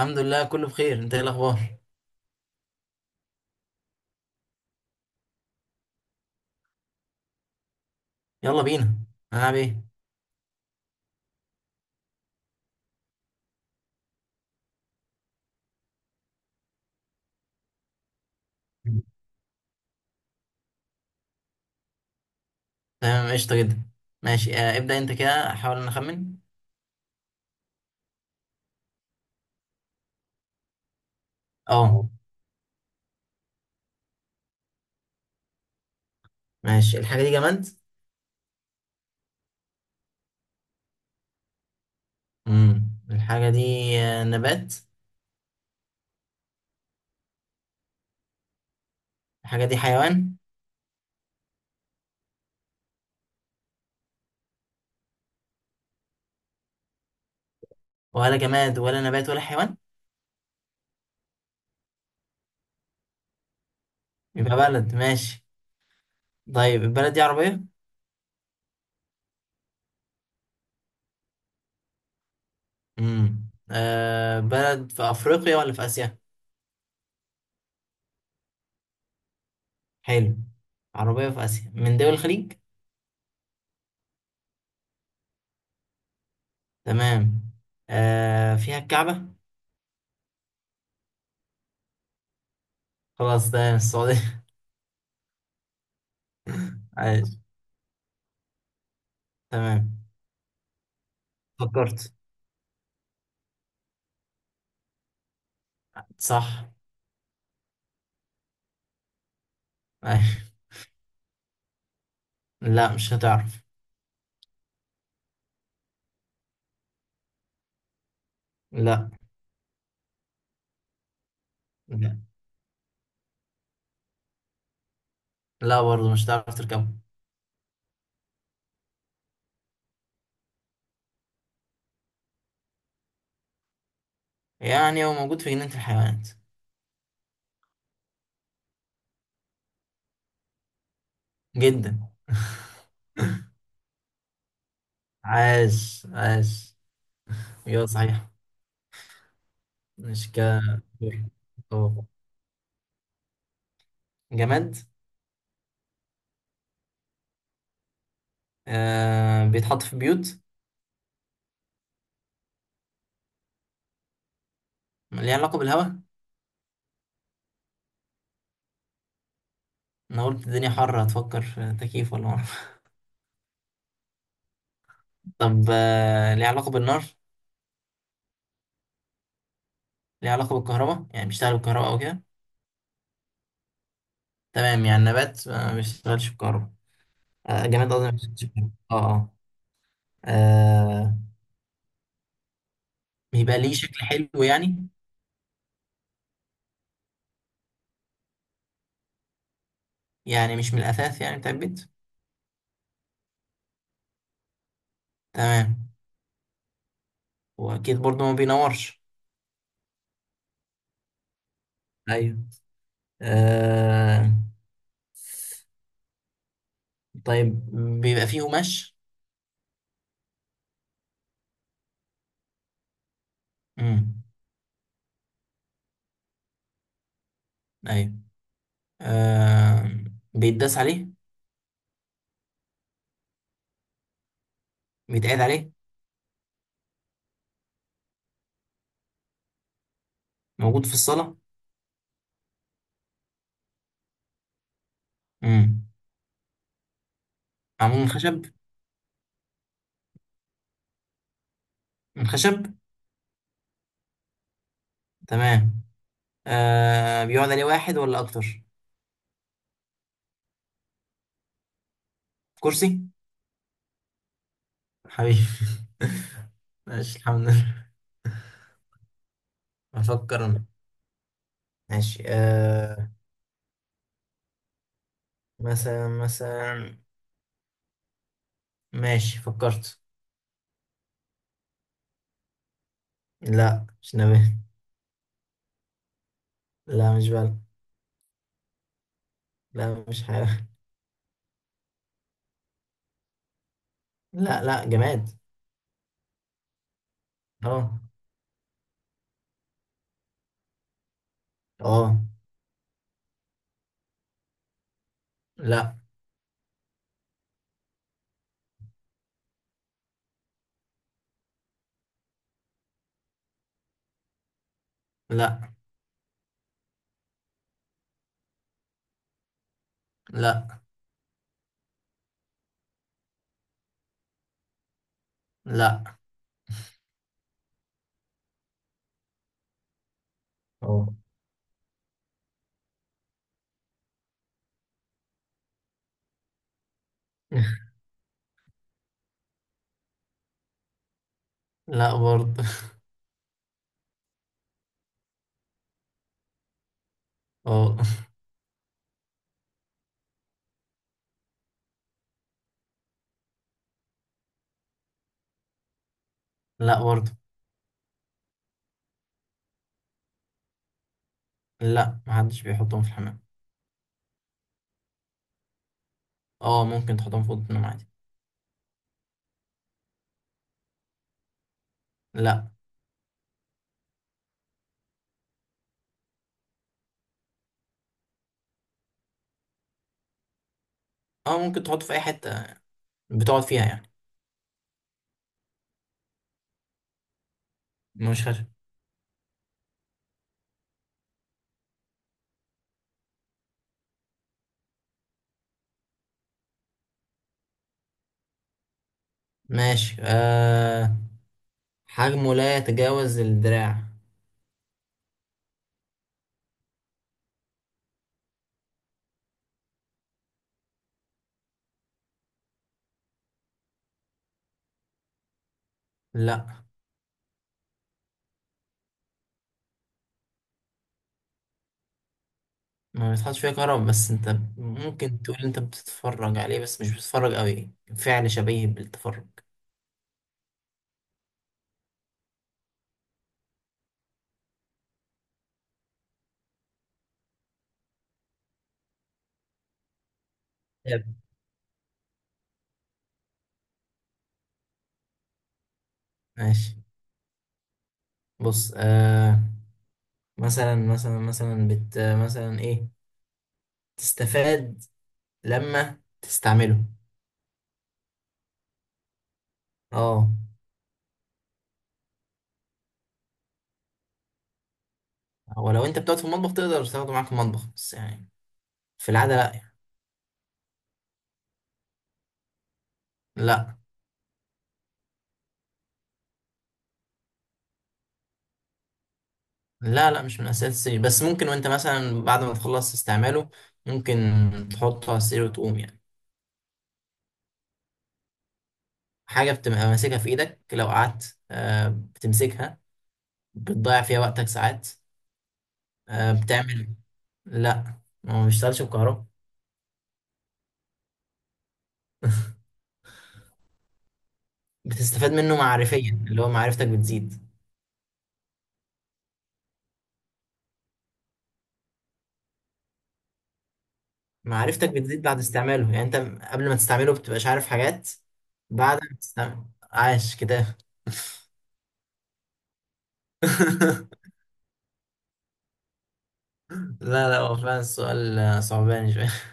الحمد لله كله بخير. انت ايه الاخبار؟ يلا بينا. هنلعب ايه؟ تمام قشطه جدا. ماشي ابدا انت كده احاول ان اخمن. اه ماشي. الحاجه دي جماد؟ الحاجه دي نبات؟ الحاجه دي حيوان؟ ولا جماد ولا نبات ولا حيوان؟ يبقى بلد ماشي. طيب البلد دي عربيه؟ بلد في افريقيا ولا في اسيا؟ حلو. عربيه في اسيا من دول الخليج؟ تمام. فيها الكعبه؟ خلاص تمام السعوديه. عايش. تمام فكرت. صح. أيوة. لا مش هتعرف. لا لا. لا برضه مش هتعرف تركبه. يعني هو موجود في جنينة الحيوانات. جدا. عاش عاش. ايوه صحيح. مش ك أوه. جماد. بيتحط في بيوت. ليه علاقة بالهواء؟ انا قلت الدنيا حر، هتفكر في تكييف ولا مرة. طب، ليه علاقة بالنار؟ ليه علاقة بالكهرباء، يعني بيشتغل بالكهرباء او كده؟ تمام. يعني نبات ما بيشتغلش بالكهرباء. جماد قصدي ما بيشتغلش بالكهرباء. اه اه. آه. بيبقى ليه شكل حلو يعني؟ يعني مش من الأساس يعني بتاع البيت؟ تمام. وأكيد برضه ما بينورش. أيوه. آه. طيب. بيبقى فيه قماش؟ امم. أيوه. آه. بيتداس عليه؟ بيتقعد عليه؟ موجود في الصالة. امم. معمول من خشب؟ من خشب. تمام. بيقعد عليه واحد ولا أكتر؟ كرسي. حبيبي. ماشي الحمد لله. بفكر أنا. ماشي مثلا. ماشي فكرت. لا مش نبات. لا مش بلد. لا مش حيوان. لا لا جماد. اه اه. لا. لا. لا. لا. اه. لا برضه. اه. لا برضه. لا محدش بيحطهم في الحمام. اه ممكن تحطهم في اوضه النوم عادي. لا. اه ممكن تحطه في اي حته بتقعد فيها يعني. مش خارج. ماشي حجمه لا يتجاوز الدراع. لا ما بيتحطش فيها كهرباء، بس انت ممكن تقول انت بتتفرج عليه، بس مش بتتفرج قوي. فعل شبيه بالتفرج. طيب. ماشي. بص مثلا مثلا ايه تستفاد لما تستعمله. اه ولو انت بتقعد في المطبخ تقدر تاخده معاك في المطبخ، بس يعني في العادة لا يعني. لا. لا مش من اساسيات السرير، بس ممكن وانت مثلا بعد ما تخلص استعماله ممكن تحطه على السرير وتقوم يعني. حاجة بتبقى ماسكها في إيدك لو قعدت بتمسكها. بتضيع فيها وقتك ساعات. بتعمل. لا ما هو بيشتغلش بكهرباء. بتستفاد منه معرفيا، اللي هو معرفتك بتزيد. معرفتك بتزيد بعد استعماله، يعني أنت قبل ما تستعمله بتبقاش عارف حاجات. بعد ما تستعمل. عاش كده. لا لا، هو فعلا السؤال صعباني شوية.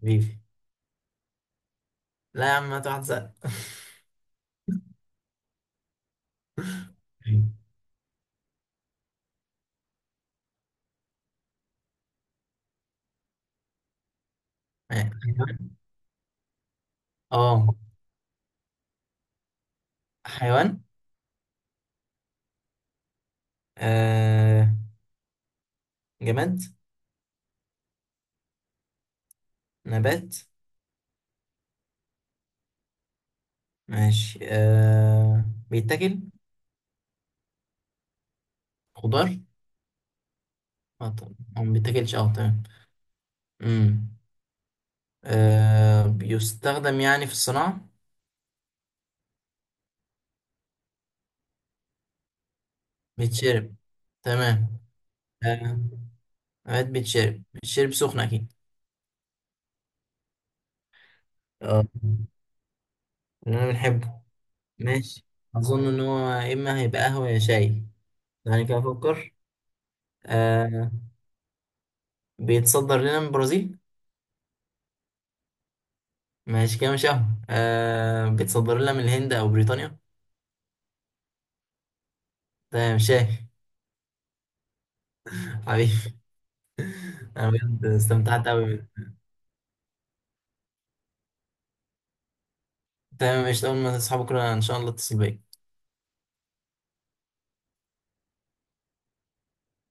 حبيبي. لا يا عم هات واحد سهل. حيوان. اه حيوان. آه جماد. نبات. ماشي بيتاكل. خضار. اه طبعا هو ما بيتاكلش. اه تمام. امم. بيستخدم يعني في الصناعة. بيتشرب. تمام. آه... اوقات بيتشرب. سخن اكيد. اه. اللي انا بنحبه. ماشي. اظن ان هو يا اما هيبقى قهوة يا شاي، يعني كده افكر. آه... بيتصدر لنا من البرازيل؟ ماشي كده مش قهوة. بيتصدر لنا من الهند او بريطانيا؟ تمام شاي. حبيبي. انا بجد استمتعت قوي. تمام قشطة. أول ما تصحابك كده إن شاء الله اتصل بيا.